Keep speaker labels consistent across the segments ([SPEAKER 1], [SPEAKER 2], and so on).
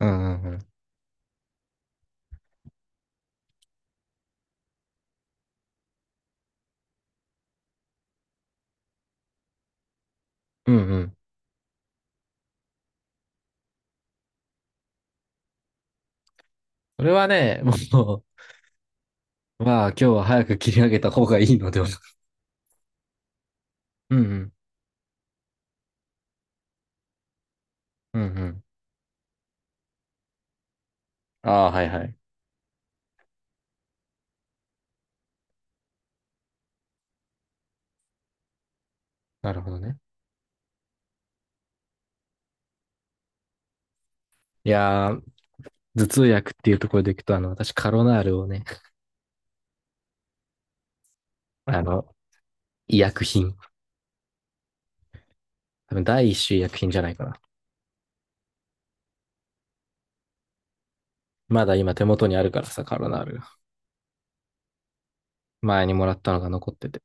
[SPEAKER 1] うんうんうん。うんうん。それはね、もう、まあ今日は早く切り上げた方がいいのでは。うんうん。うんうん。ああ、はいはい。なるほどね。いやー、頭痛薬っていうところでいくと、私カロナールをね、あの、医薬品。多分第一種医薬品じゃないかな。まだ今手元にあるからさ、カロナール。前にもらったのが残ってて。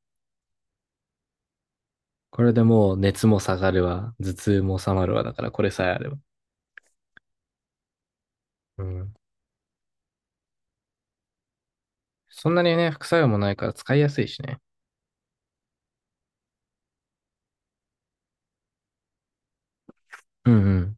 [SPEAKER 1] これでもう熱も下がるわ、頭痛も収まるわ、だからこれさえあれば。うん。そんなにね、副作用もないから使いやすいしね。うんうん。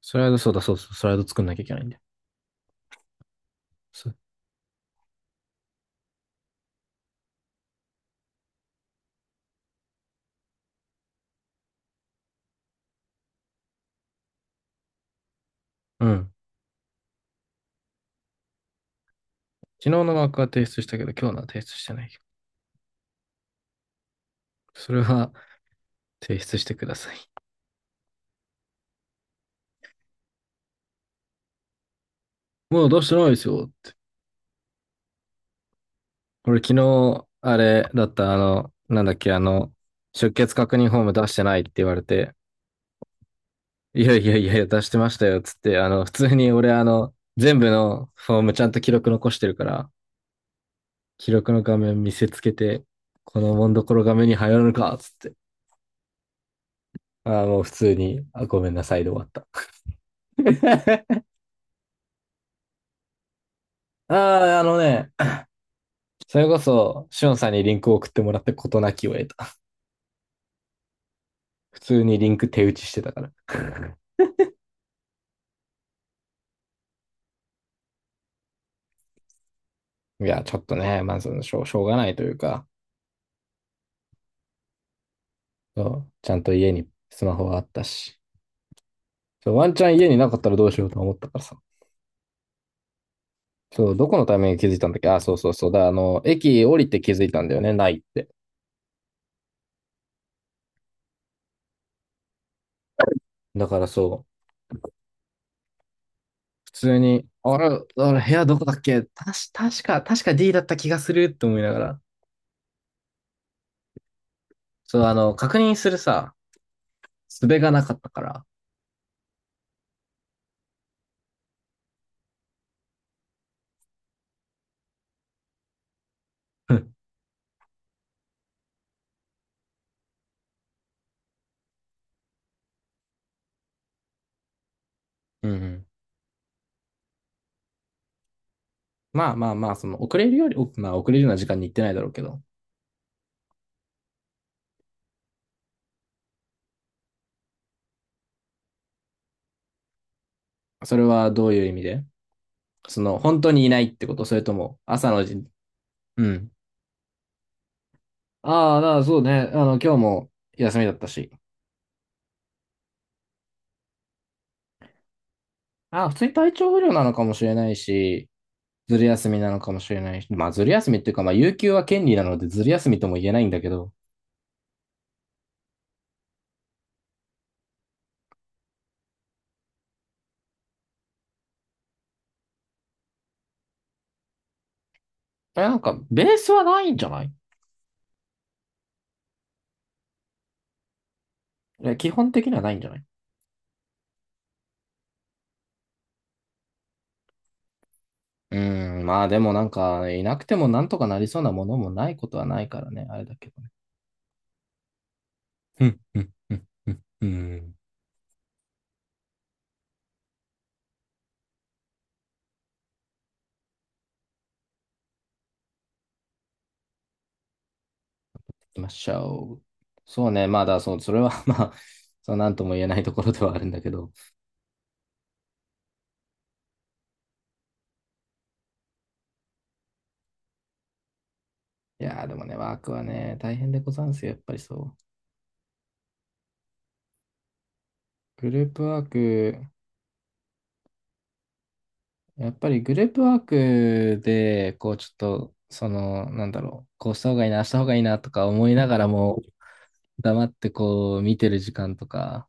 [SPEAKER 1] スライド、そうだそうそう、スライド作んなきゃいけないんだよ。そうん。昨日のマークは提出したけど、今日のは提出してないよ。それは提出してください。もうどうしてないですよ。俺昨日、あれだった、なんだっけ、出欠確認フォーム出してないって言われて、いやいやいやいや、出してましたよ、つって、普通に俺、全部のフォームちゃんと記録残してるから、記録の画面見せつけて、このもんどころが目に入らぬか、つって。あーもう普通に、あ、ごめんなさいで終わった。ああ、あのね、それこそ、しおんさんにリンクを送ってもらって事なきを得た。普通にリンク手打ちしてたから。いや、ちょっとね、まあ、しょうがないというか、そうちゃんと家にスマホがあったし、そうワンチャン家になかったらどうしようと思ったからさ。そう、どこのタイミングで気づいたんだっけ？あ、そうそうそう。だ、あの、駅降りて気づいたんだよね、ないって。だからそう、普通に、あれ、部屋どこだっけたし、確か、確か D だった気がするって思いながら。そう、確認するさ、術がなかったから。うんうん。まあまあまあ、その遅れるより、まあ遅れるような時間に行ってないだろうけど、それはどういう意味で？その本当にいないってこと？それとも朝のじ、うん。ああ、だからそうね。今日も休みだったし。ああ、普通に体調不良なのかもしれないし、ずる休みなのかもしれないし。まあずる休みっていうか、まあ有給は権利なのでずる休みとも言えないんだけど。え、なんかベースはないんじゃない？え、基本的にはないんじゃない？うーん、まあでもなんか、いなくてもなんとかなりそうなものもないことはないからね、あれだけど。うん、うん、うん、うん、うん。行きましょう。そうね、まあだ、そう、それは まあ、そう、なんとも言えないところではあるんだけど。いやー、でもね、ワークはね、大変でござんすよ、やっぱりそう。グループワーク、やっぱりグループワークで、こう、ちょっと、その、なんだろう、こうした方がいいな、あした方がいいなとか思いながらも、黙ってこう、見てる時間とか、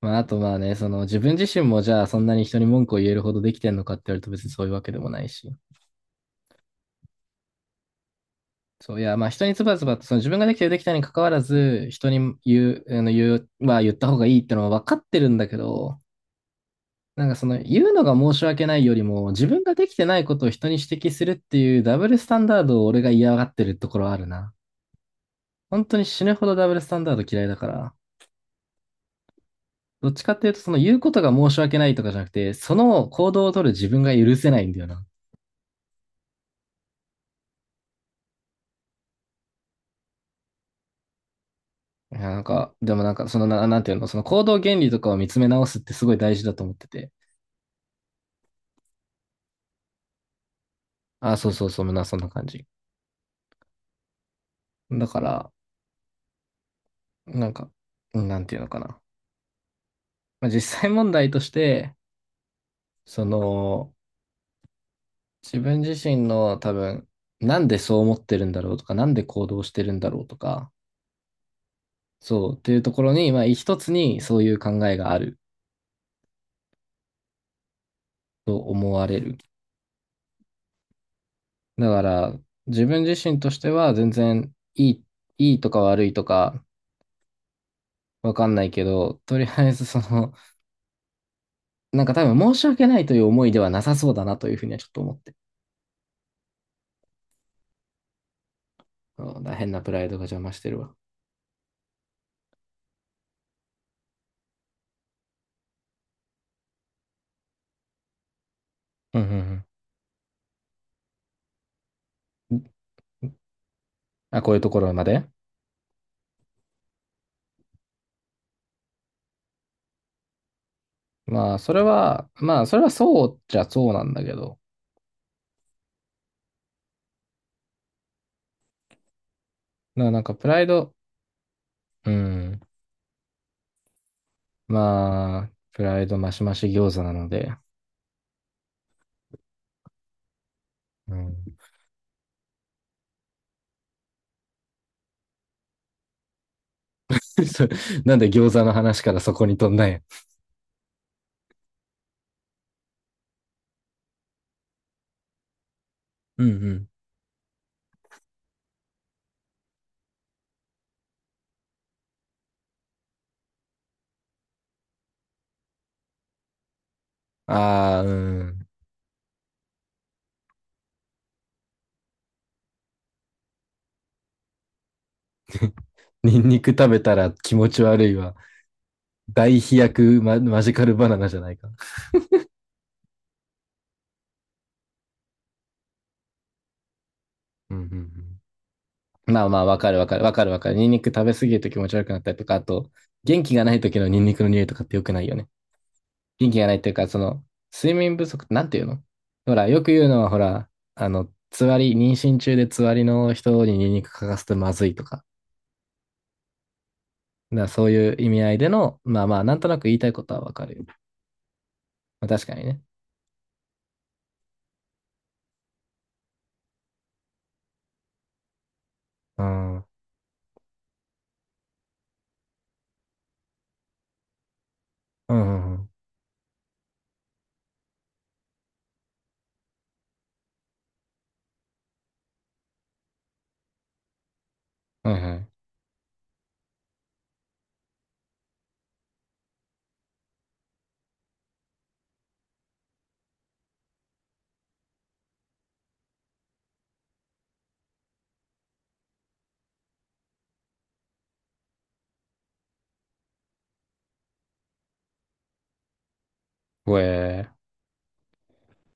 [SPEAKER 1] まあ、あとまあね、その、自分自身もじゃあ、そんなに人に文句を言えるほどできてんのかって言われると別にそういうわけでもないし。そう、いや、まあ人にズバズバと、その自分ができてるできたに関わらず、人に言う、言う、まあ言った方がいいってのは分かってるんだけど、なんかその言うのが申し訳ないよりも、自分ができてないことを人に指摘するっていうダブルスタンダードを俺が嫌がってるところはあるな。本当に死ぬほどダブルスタンダード嫌いだから、どっちかっていうとその言うことが申し訳ないとかじゃなくて、その行動を取る自分が許せないんだよな。いや、なんか、でもなんかそのな、なんていうの、その行動原理とかを見つめ直すってすごい大事だと思ってて。あ、そうそうそう、な、そんな感じ。だから、なんか、なんていうのかな。まあ、実際問題として、その、自分自身の多分、なんでそう思ってるんだろうとか、なんで行動してるんだろうとか、そう、っていうところに、まあ、一つにそういう考えがあると思われる。だから、自分自身としては全然いい、いいとか悪いとか、わかんないけど、とりあえずその、なんか多分申し訳ないという思いではなさそうだなというふうにはちょっと思って。うんだから変なプライドが邪魔してるわ。うんうんうん。あ、こういうところまで。まあ、それは、まあ、それはそうじゃそうなんだけど。なんか、プライド、うん。まあ、プライドマシマシ餃子なので。うん。そなんで餃子の話からそこに飛んだんや。うんうん。ああ、うん。ニンニク食べたら気持ち悪いわ。大飛躍マジカルバナナじゃないか。うんうんうん。まあまあ、わかるわかるわかるわかる。ニンニク食べ過ぎると気持ち悪くなったりとか、あと、元気がない時のニンニクの匂いとかって良くないよね。元気がないっていうか、その、睡眠不足ってなんていうの？ほら、よく言うのは、ほら、つわり、妊娠中でつわりの人にニンニク嗅かすとまずいとか、だからそういう意味合いでの、まあまあ、なんとなく言いたいことはわかるよ。まあ、確かにね。うん。うんうんうん。はいはい。ほえー。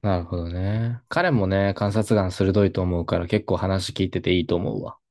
[SPEAKER 1] なるほどね。彼もね、観察眼鋭いと思うから結構話聞いてていいと思うわ。